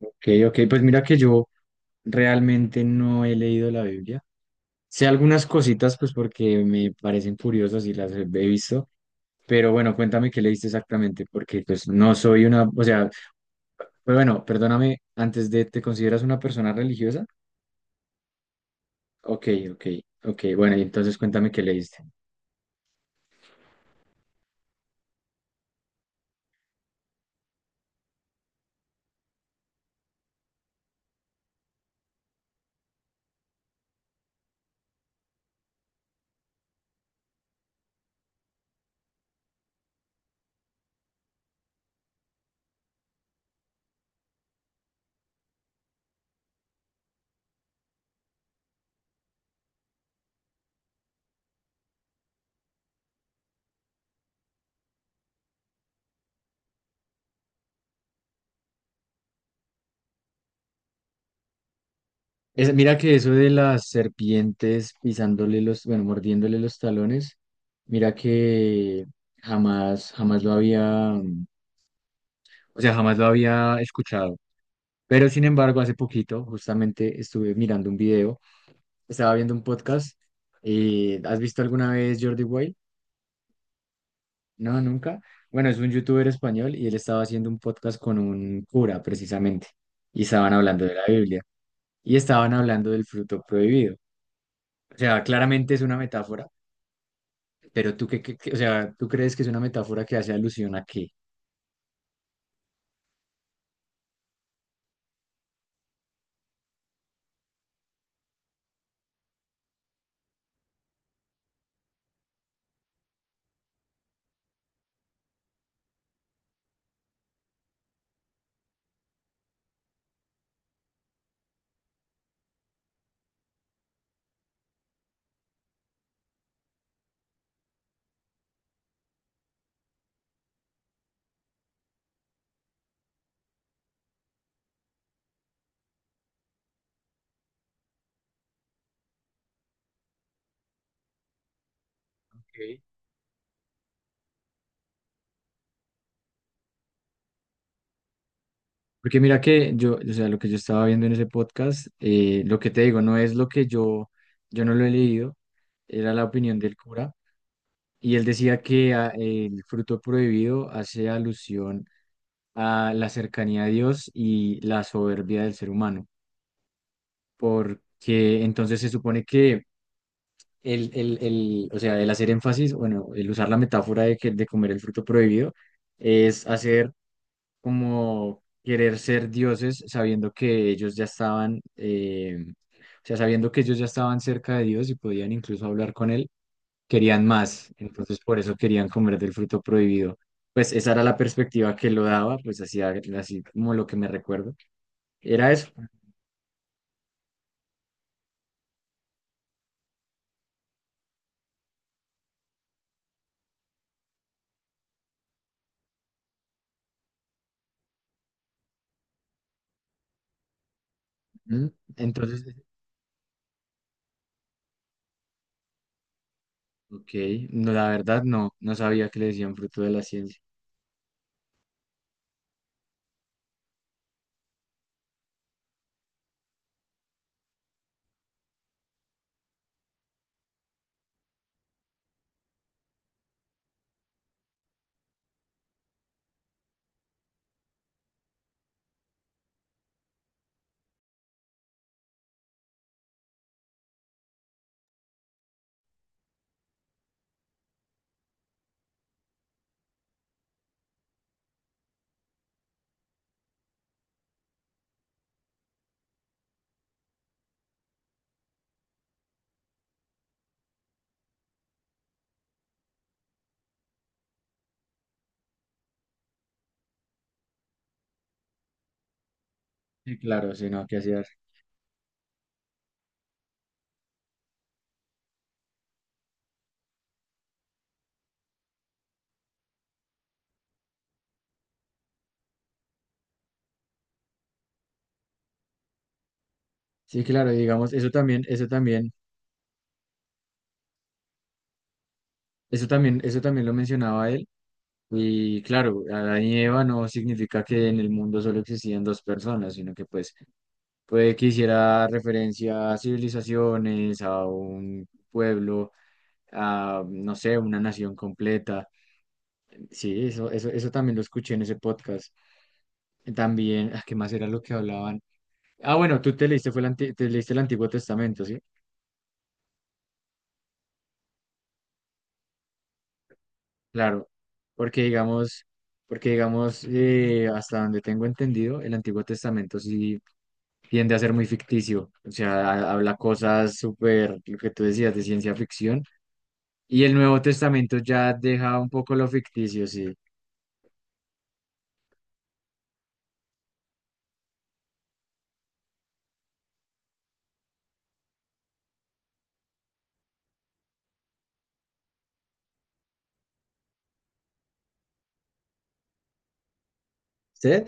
Ok, ok, pues mira que yo realmente no he leído la Biblia. Sé algunas cositas, pues porque me parecen curiosas y las he visto, pero bueno, cuéntame qué leíste exactamente, porque pues no soy una, o sea, pues bueno, perdóname, antes de, ¿te consideras una persona religiosa? Ok, ok, ok, bueno, y entonces cuéntame qué leíste. Mira que eso de las serpientes pisándole los, bueno, mordiéndole los talones, mira que jamás, jamás lo había, o sea, jamás lo había escuchado. Pero sin embargo, hace poquito justamente estuve mirando un video, estaba viendo un podcast. ¿Has visto alguna vez Jordi Wild? No, nunca. Bueno, es un youtuber español y él estaba haciendo un podcast con un cura precisamente y estaban hablando de la Biblia y estaban hablando del fruto prohibido. O sea, claramente es una metáfora, pero tú qué, o sea, ¿tú crees que es una metáfora que hace alusión a qué? Ok. Porque mira que yo, o sea, lo que yo estaba viendo en ese podcast, lo que te digo, no es lo que yo no lo he leído, era la opinión del cura, y él decía que ah, el fruto prohibido hace alusión a la cercanía a Dios y la soberbia del ser humano, porque entonces se supone que el, o sea, el hacer énfasis, bueno, el usar la metáfora de, que, de comer el fruto prohibido, es hacer como querer ser dioses sabiendo que ellos ya estaban, o sea, sabiendo que ellos ya estaban cerca de Dios y podían incluso hablar con él, querían más, entonces por eso querían comer del fruto prohibido. Pues esa era la perspectiva que lo daba, pues así, así como lo que me recuerdo. Era eso. Ujú. Entonces, ok, no, la verdad no, no sabía que le decían fruto de la ciencia. Sí, claro, sí, no, ¿qué hacías? Sí, claro, digamos, eso también, eso también, eso también, eso también lo mencionaba él. Y claro, Adán y Eva no significa que en el mundo solo existían dos personas, sino que pues puede que hiciera referencia a civilizaciones, a un pueblo, a no sé, una nación completa. Sí, eso también lo escuché en ese podcast. También, ah, ¿qué más era lo que hablaban? Ah, bueno, tú te leíste, te leíste el Antiguo Testamento, ¿sí? Claro, porque digamos, porque digamos, hasta donde tengo entendido, el Antiguo Testamento sí tiende a ser muy ficticio, o sea, habla cosas súper, lo que tú decías, de ciencia ficción, y el Nuevo Testamento ya deja un poco lo ficticio, sí. ¿Usted?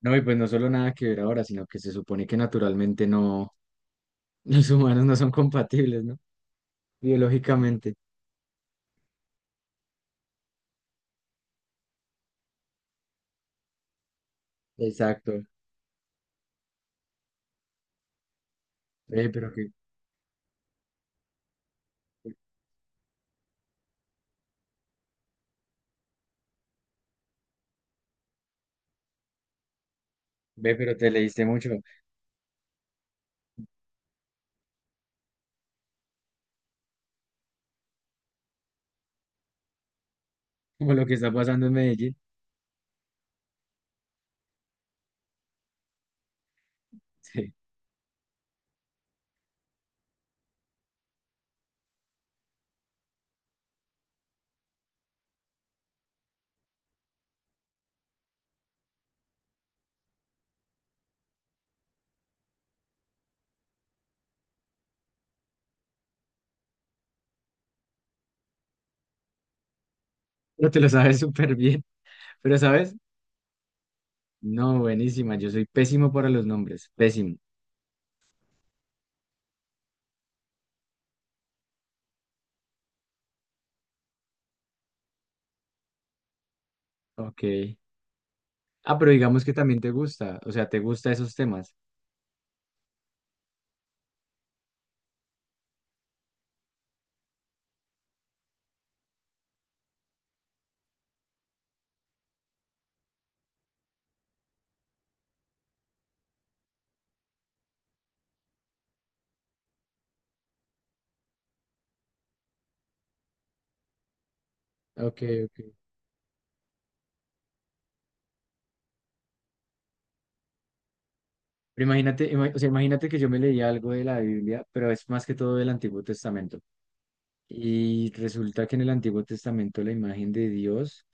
No, y pues no solo nada que ver ahora, sino que se supone que naturalmente no, los humanos no son compatibles, ¿no? Biológicamente. Exacto. Ve, pero que, ve, pero te leíste mucho, como lo que está pasando en Medellín. Sí. Pero te lo sabes súper bien. Pero, ¿sabes? No, buenísima. Yo soy pésimo para los nombres. Pésimo. Ok. Ah, pero digamos que también te gusta, o sea, te gusta esos temas. Ok, ok. Pero imagínate, o sea, imagínate que yo me leía algo de la Biblia, pero es más que todo del Antiguo Testamento. Y resulta que en el Antiguo Testamento la imagen de Dios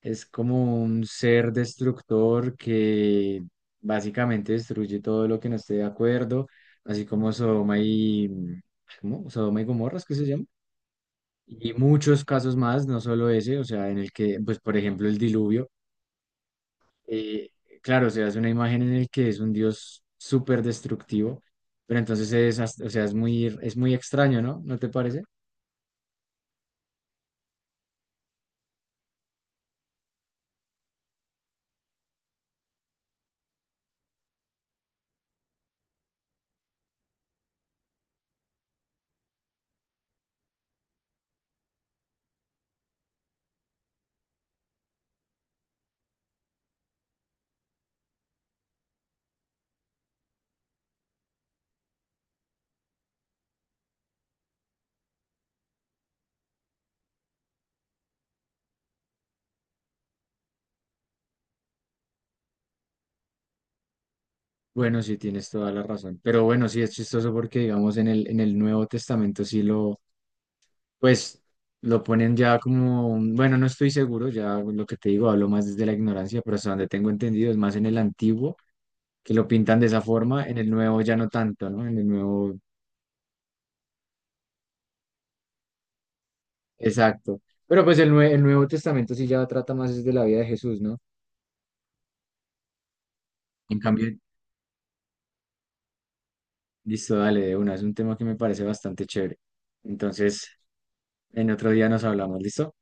es como un ser destructor que básicamente destruye todo lo que no esté de acuerdo, así como Sodoma y... ¿Cómo? Sodoma y Gomorra, ¿es que se llama? Y muchos casos más, no solo ese, o sea, en el que, pues, por ejemplo, el diluvio eh, claro, o sea, es una imagen en el que es un dios súper destructivo, pero entonces es, o sea, es muy extraño, ¿no? ¿No te parece? Bueno, sí, tienes toda la razón. Pero bueno, sí, es chistoso porque, digamos, en el Nuevo Testamento sí lo, pues, lo ponen ya como, bueno, no estoy seguro, ya lo que te digo, hablo más desde la ignorancia, pero hasta donde tengo entendido es más en el Antiguo, que lo pintan de esa forma, en el Nuevo ya no tanto, ¿no? En el Nuevo, exacto. Pero pues el, el Nuevo Testamento sí ya trata más es de la vida de Jesús, ¿no? En cambio, listo, dale de una. Es un tema que me parece bastante chévere. Entonces, en otro día nos hablamos, ¿listo?